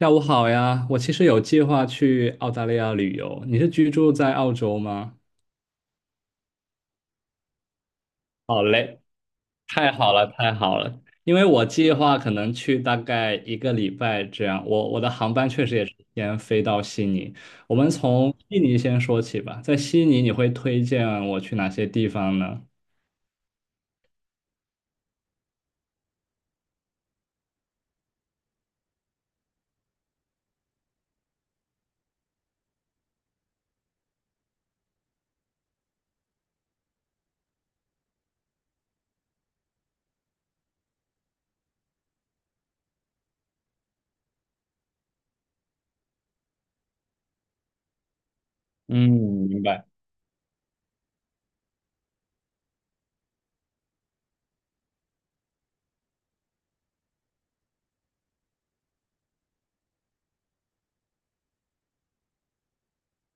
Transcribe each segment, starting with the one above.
下午好呀，我其实有计划去澳大利亚旅游。你是居住在澳洲吗？太好了，太好了！因为我计划可能去大概一个礼拜这样。我的航班确实也是先飞到悉尼。我们从悉尼先说起吧。在悉尼，你会推荐我去哪些地方呢？嗯，明白。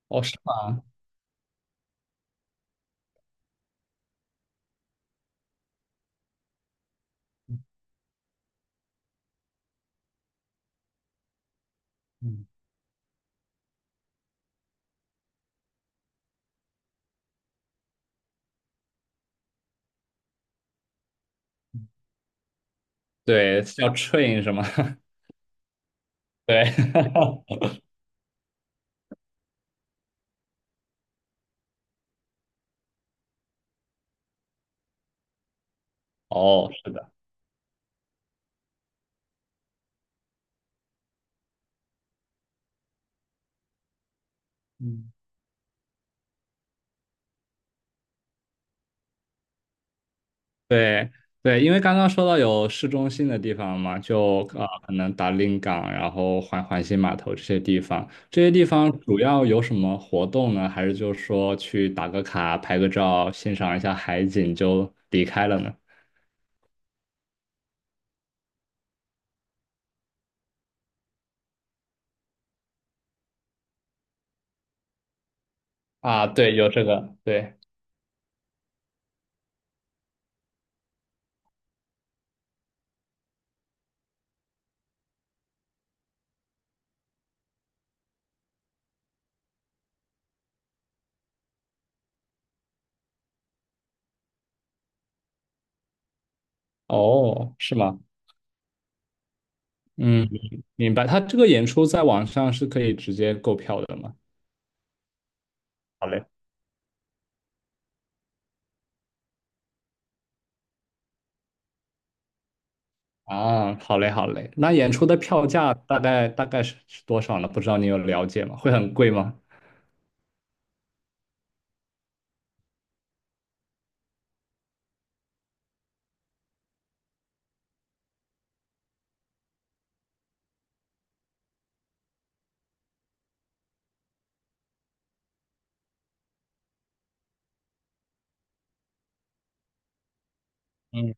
哦，是吗？嗯，对，叫 train 是吗？对。哦，是的。嗯，对对，因为刚刚说到有市中心的地方嘛，就可能达令港，然后环形码头这些地方，这些地方主要有什么活动呢？还是就是说去打个卡、拍个照、欣赏一下海景就离开了呢？啊，对，有这个，对，哦，是吗？嗯，明白。他这个演出在网上是可以直接购票的吗？好嘞。啊，好嘞，好嘞。那演出的票价大概是多少呢？不知道你有了解吗？会很贵吗？嗯，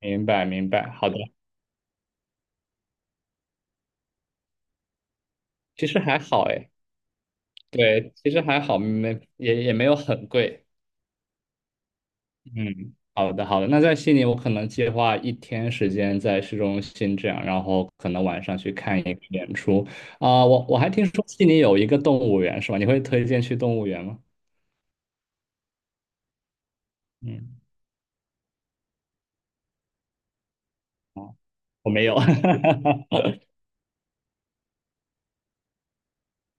明白明白，好的，其实还好哎，对，其实还好，没也也没有很贵。嗯，好的好的，那在悉尼，我可能计划一天时间在市中心这样，然后可能晚上去看一个演出。啊、我我还听说悉尼有一个动物园是吧？你会推荐去动物园吗？嗯，哦，我没有，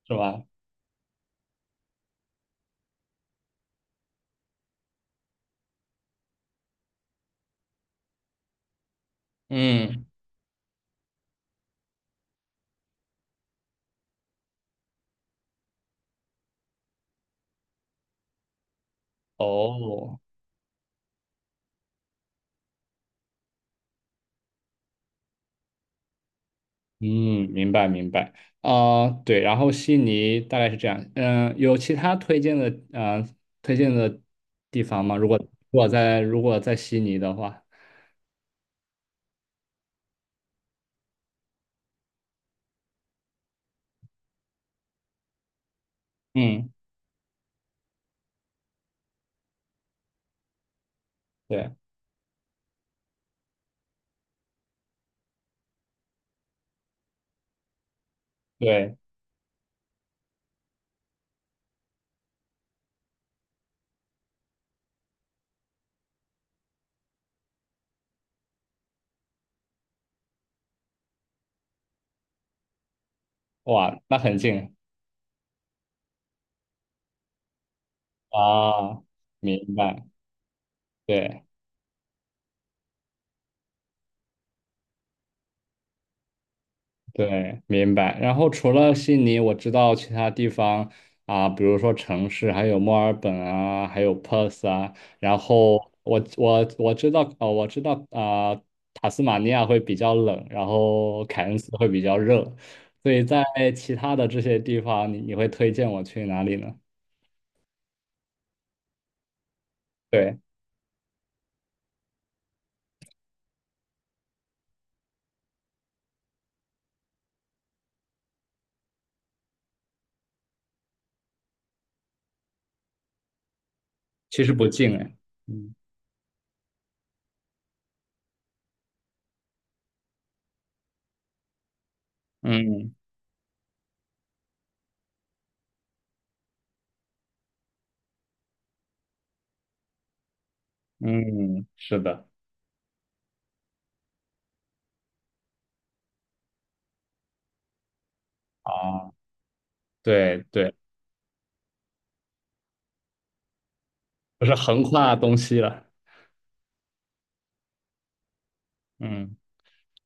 是吧？嗯，哦，嗯，明白明白，啊、对，然后悉尼大概是这样，嗯、有其他推荐的，嗯，推荐的地方吗？如果如果在悉尼的话，嗯，对对，哇，那很近啊，明白，对。对，明白。然后除了悉尼，我知道其他地方啊，比如说城市，还有墨尔本啊，还有 Perth 啊。然后我知道，我知道啊，塔斯马尼亚会比较冷，然后凯恩斯会比较热。所以在其他的这些地方，你你会推荐我去哪里呢？对，其实不近哎。嗯嗯嗯，是的啊，对对，不是横跨东西了。嗯。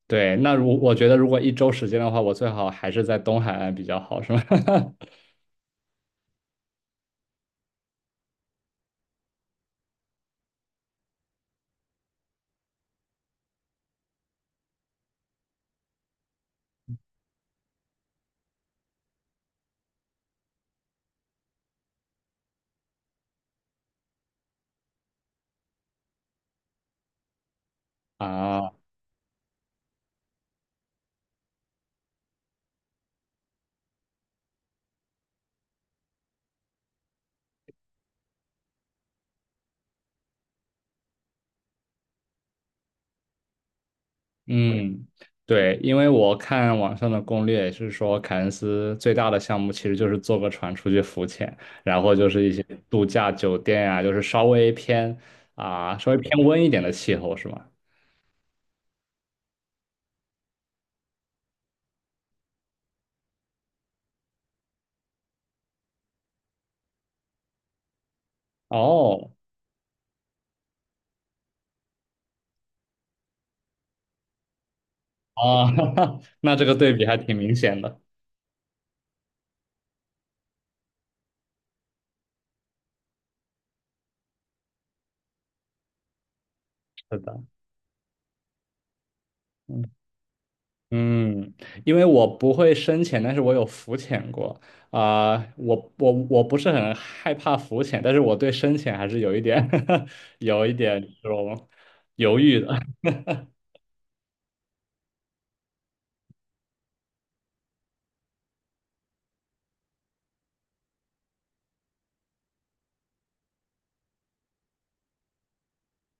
对，那我觉得如果一周时间的话，我最好还是在东海岸比较好，是吗？啊，嗯，对，因为我看网上的攻略也是说，凯恩斯最大的项目其实就是坐个船出去浮潜，然后就是一些度假酒店啊，就是稍微偏啊，稍微偏温一点的气候，是吗？哦，啊，那这个对比还挺明显的。是的，嗯。嗯，因为我不会深潜，但是我有浮潜过啊、我不是很害怕浮潜，但是我对深潜还是有一点 有一点这种犹豫的。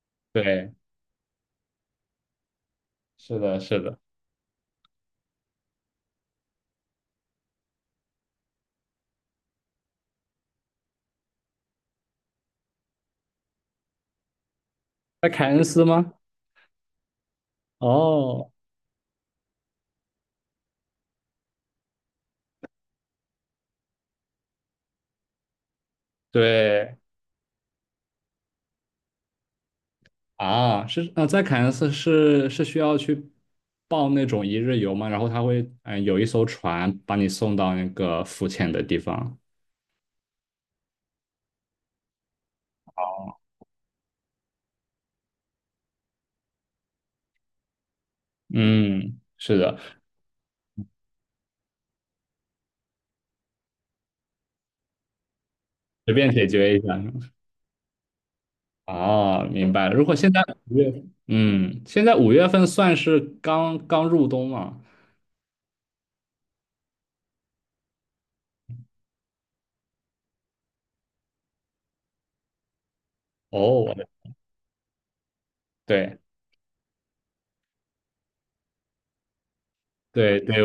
对，是的，是的，在凯恩斯吗？哦，对啊，是在凯恩斯是需要去报那种一日游吗？然后他会有一艘船把你送到那个浮潜的地方。哦，嗯，是的，随便解决一下。哦，明白了。如果现在五月，嗯，现在五月份算是刚刚入冬嘛？哦，我的对对对，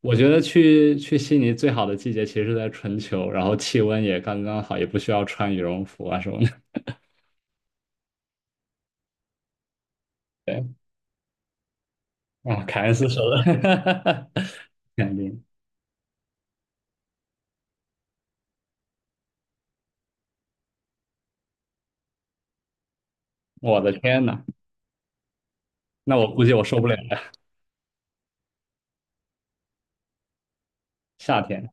我觉得去悉尼最好的季节其实是在春秋，然后气温也刚刚好，也不需要穿羽绒服啊什么的。对，啊，凯恩斯说的，肯定。我的天呐，那我估计我受不了了，夏天。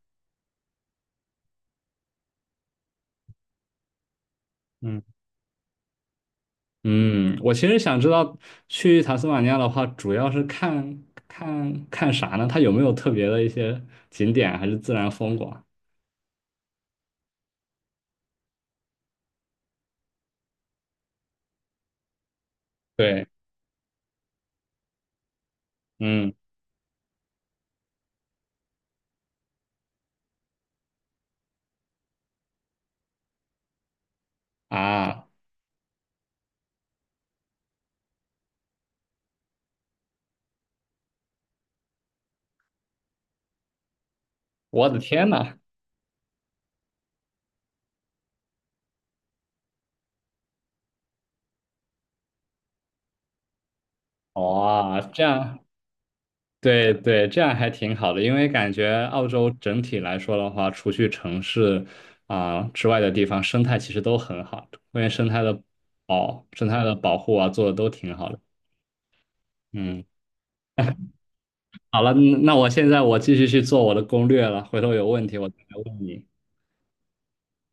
嗯。嗯，我其实想知道去塔斯马尼亚的话，主要是看看啥呢？它有没有特别的一些景点，还是自然风光？对，嗯，啊，我的天呐，哇，这样，对对，这样还挺好的，因为感觉澳洲整体来说的话，除去城市啊、之外的地方，生态其实都很好，关于生态的保护啊，做的都挺好的。嗯。好了，嗯，那我现在我继续去做我的攻略了，回头有问题我再来问你。